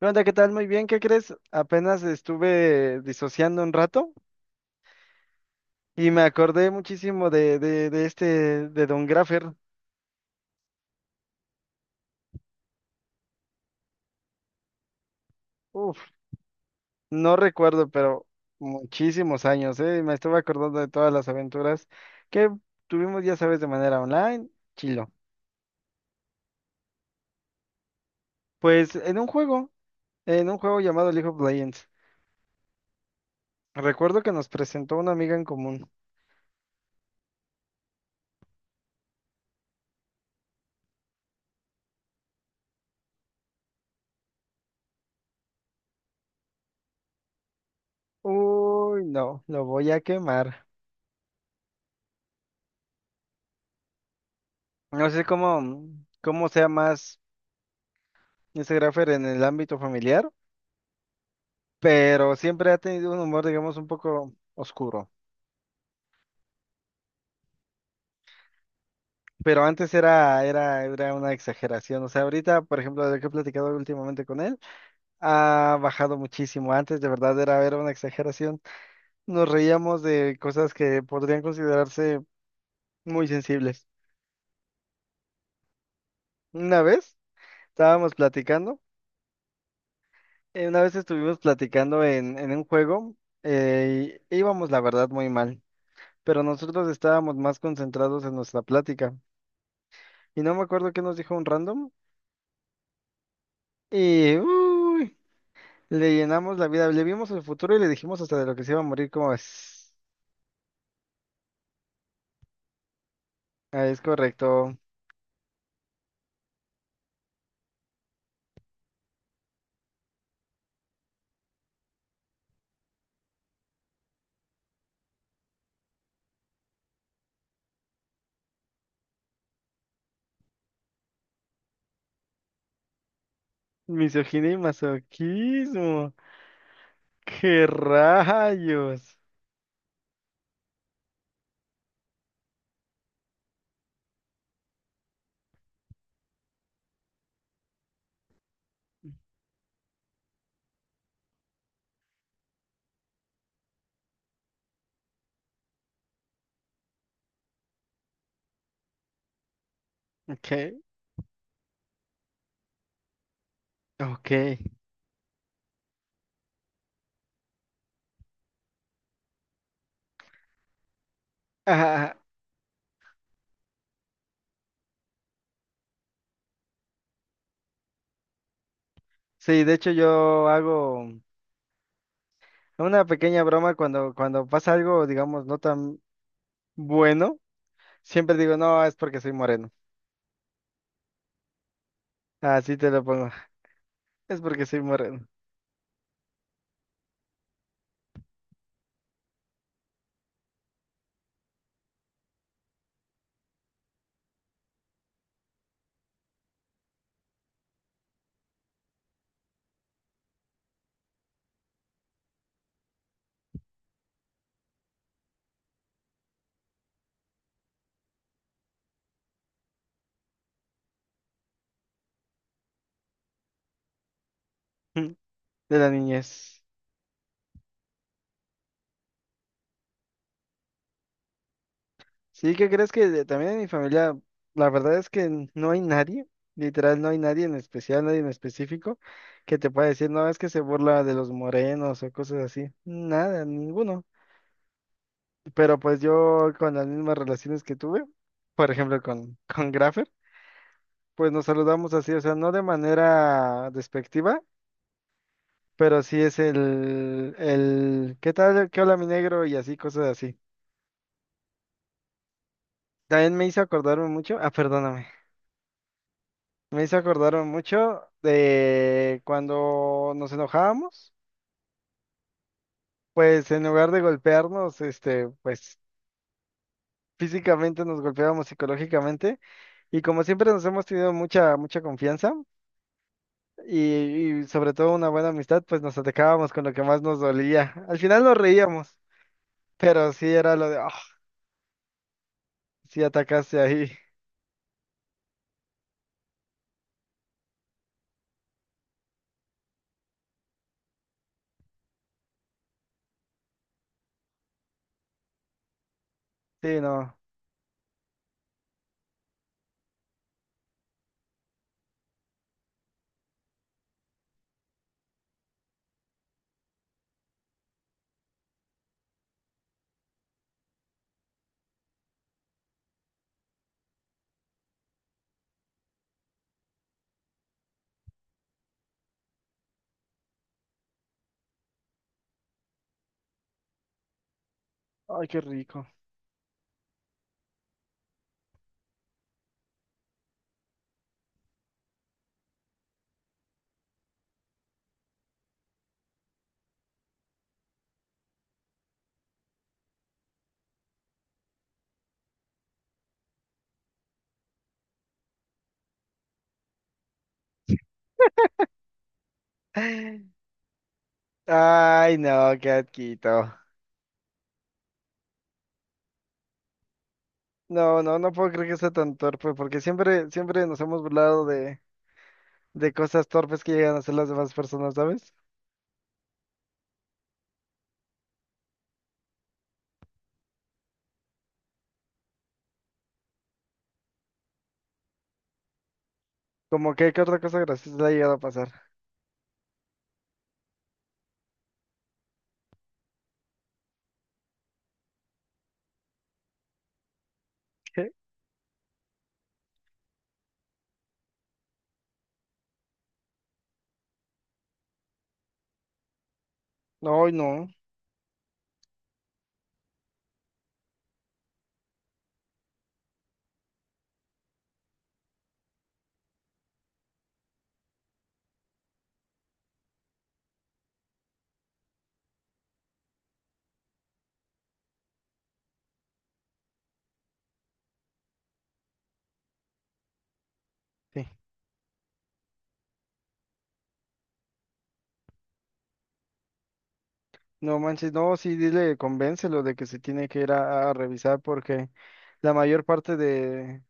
¿Qué onda? ¿Qué tal? Muy bien, ¿qué crees? Apenas estuve disociando un rato y me acordé muchísimo de Don Graffer. Uf, no recuerdo, pero muchísimos años, ¿eh? Me estuve acordando de todas las aventuras que tuvimos, ya sabes, de manera online, chilo. Pues en un juego llamado League of Legends. Recuerdo que nos presentó una amiga en común. Uy, no, lo voy a quemar. No sé cómo sea más ese Graffer en el ámbito familiar, pero siempre ha tenido un humor, digamos, un poco oscuro. Pero antes era una exageración. O sea, ahorita, por ejemplo, de lo que he platicado últimamente con él, ha bajado muchísimo. Antes, de verdad, era una exageración. Nos reíamos de cosas que podrían considerarse muy sensibles. Una vez estábamos platicando, una vez estuvimos platicando en un juego, y íbamos, la verdad, muy mal. Pero nosotros estábamos más concentrados en nuestra plática. Y no me acuerdo qué nos dijo un random. Y uy, le llenamos la vida, le vimos el futuro y le dijimos hasta de lo que se iba a morir, ¿cómo es? Ah, es correcto. Misoginia y masoquismo. ¡Qué rayos! Ok, ok. Ah, sí, de hecho yo hago una pequeña broma cuando, cuando pasa algo, digamos, no tan bueno. Siempre digo, no, es porque soy moreno. Así te lo pongo. Es porque soy moreno. De la niñez. Sí, ¿qué crees que de- también en mi familia, la verdad es que n- no hay nadie, literal, no hay nadie en especial, nadie en específico, que te pueda decir, no, es que se burla de los morenos o cosas así. Nada, ninguno. Pero pues yo con las mismas relaciones que tuve, por ejemplo con, con Graffer, pues nos saludamos así, o sea, no de manera despectiva, pero sí es el, ¿qué tal? ¿Qué hola mi negro? Y así, cosas así. También me hizo acordarme mucho, ah, perdóname. Me hizo acordar mucho de cuando nos enojábamos, pues en lugar de golpearnos, este, pues físicamente nos golpeábamos psicológicamente, y como siempre nos hemos tenido mucha, mucha confianza y sobre todo una buena amistad, pues nos atacábamos con lo que más nos dolía. Al final nos reíamos, pero sí era lo de, oh, sí atacaste ahí, sí, no, ay, qué rico. Ay, no, qué asquito. No, no, no puedo creer que sea tan torpe, porque siempre, siempre nos hemos burlado de cosas torpes que llegan a hacer las demás personas, ¿sabes? Como que, ¿qué otra cosa graciosa le ha llegado a pasar? ¿Qué? No, ay, no, sí. No manches, no, sí, dile, convéncelo de que se tiene que ir a revisar, porque la mayor parte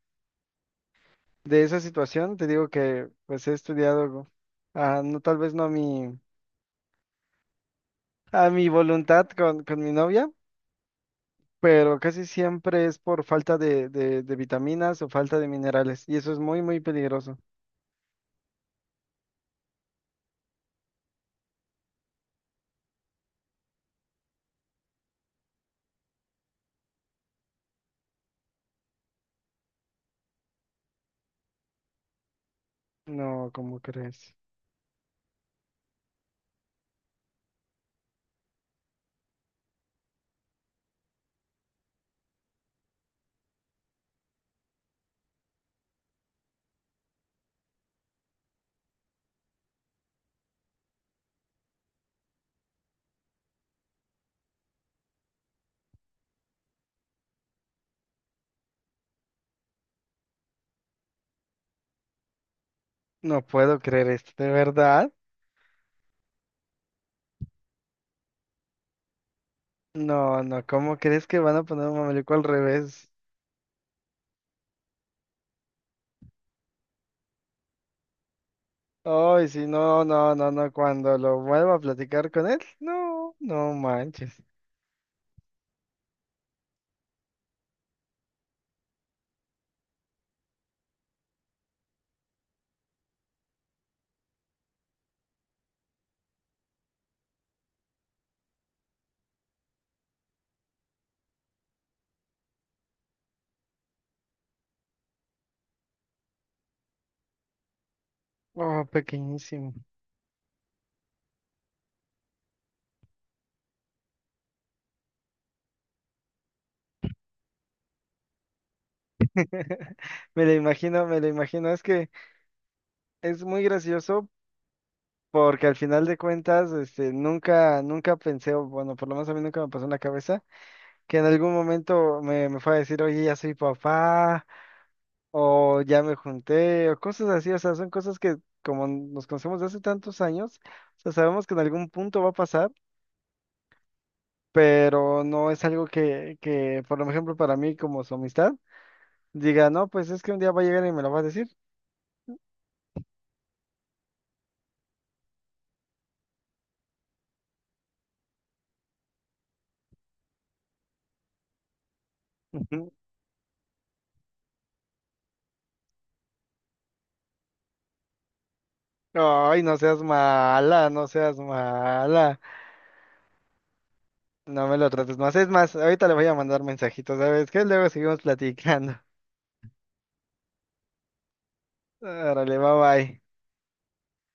de esa situación, te digo que, pues, he estudiado, ah, no, tal vez no a mi, a mi voluntad con mi novia, pero casi siempre es por falta de vitaminas o falta de minerales, y eso es muy, muy peligroso. No, ¿cómo crees? No puedo creer esto, ¿de verdad? No, no, ¿cómo crees que van a poner un mameluco al revés? Ay, sí, no, no, no, no, cuando lo vuelva a platicar con él, no, no manches. Oh, pequeñísimo. Me lo imagino, me lo imagino. Es que es muy gracioso porque al final de cuentas, este, nunca, nunca pensé, o bueno, por lo menos a mí nunca me pasó en la cabeza que en algún momento me, me fue a decir, oye, ya soy papá, o ya me junté, o cosas así, o sea, son cosas que como nos conocemos de hace tantos años, o sea, sabemos que en algún punto va a pasar, pero no es algo que, por ejemplo, para mí como su amistad, diga, no, pues es que un día va a llegar y me lo va a decir. Ujú. Ay, no seas mala, no seas mala, no me lo trates más. Es más, ahorita le voy a mandar mensajitos, ¿sabes qué? Luego seguimos platicando. Órale, bye bye.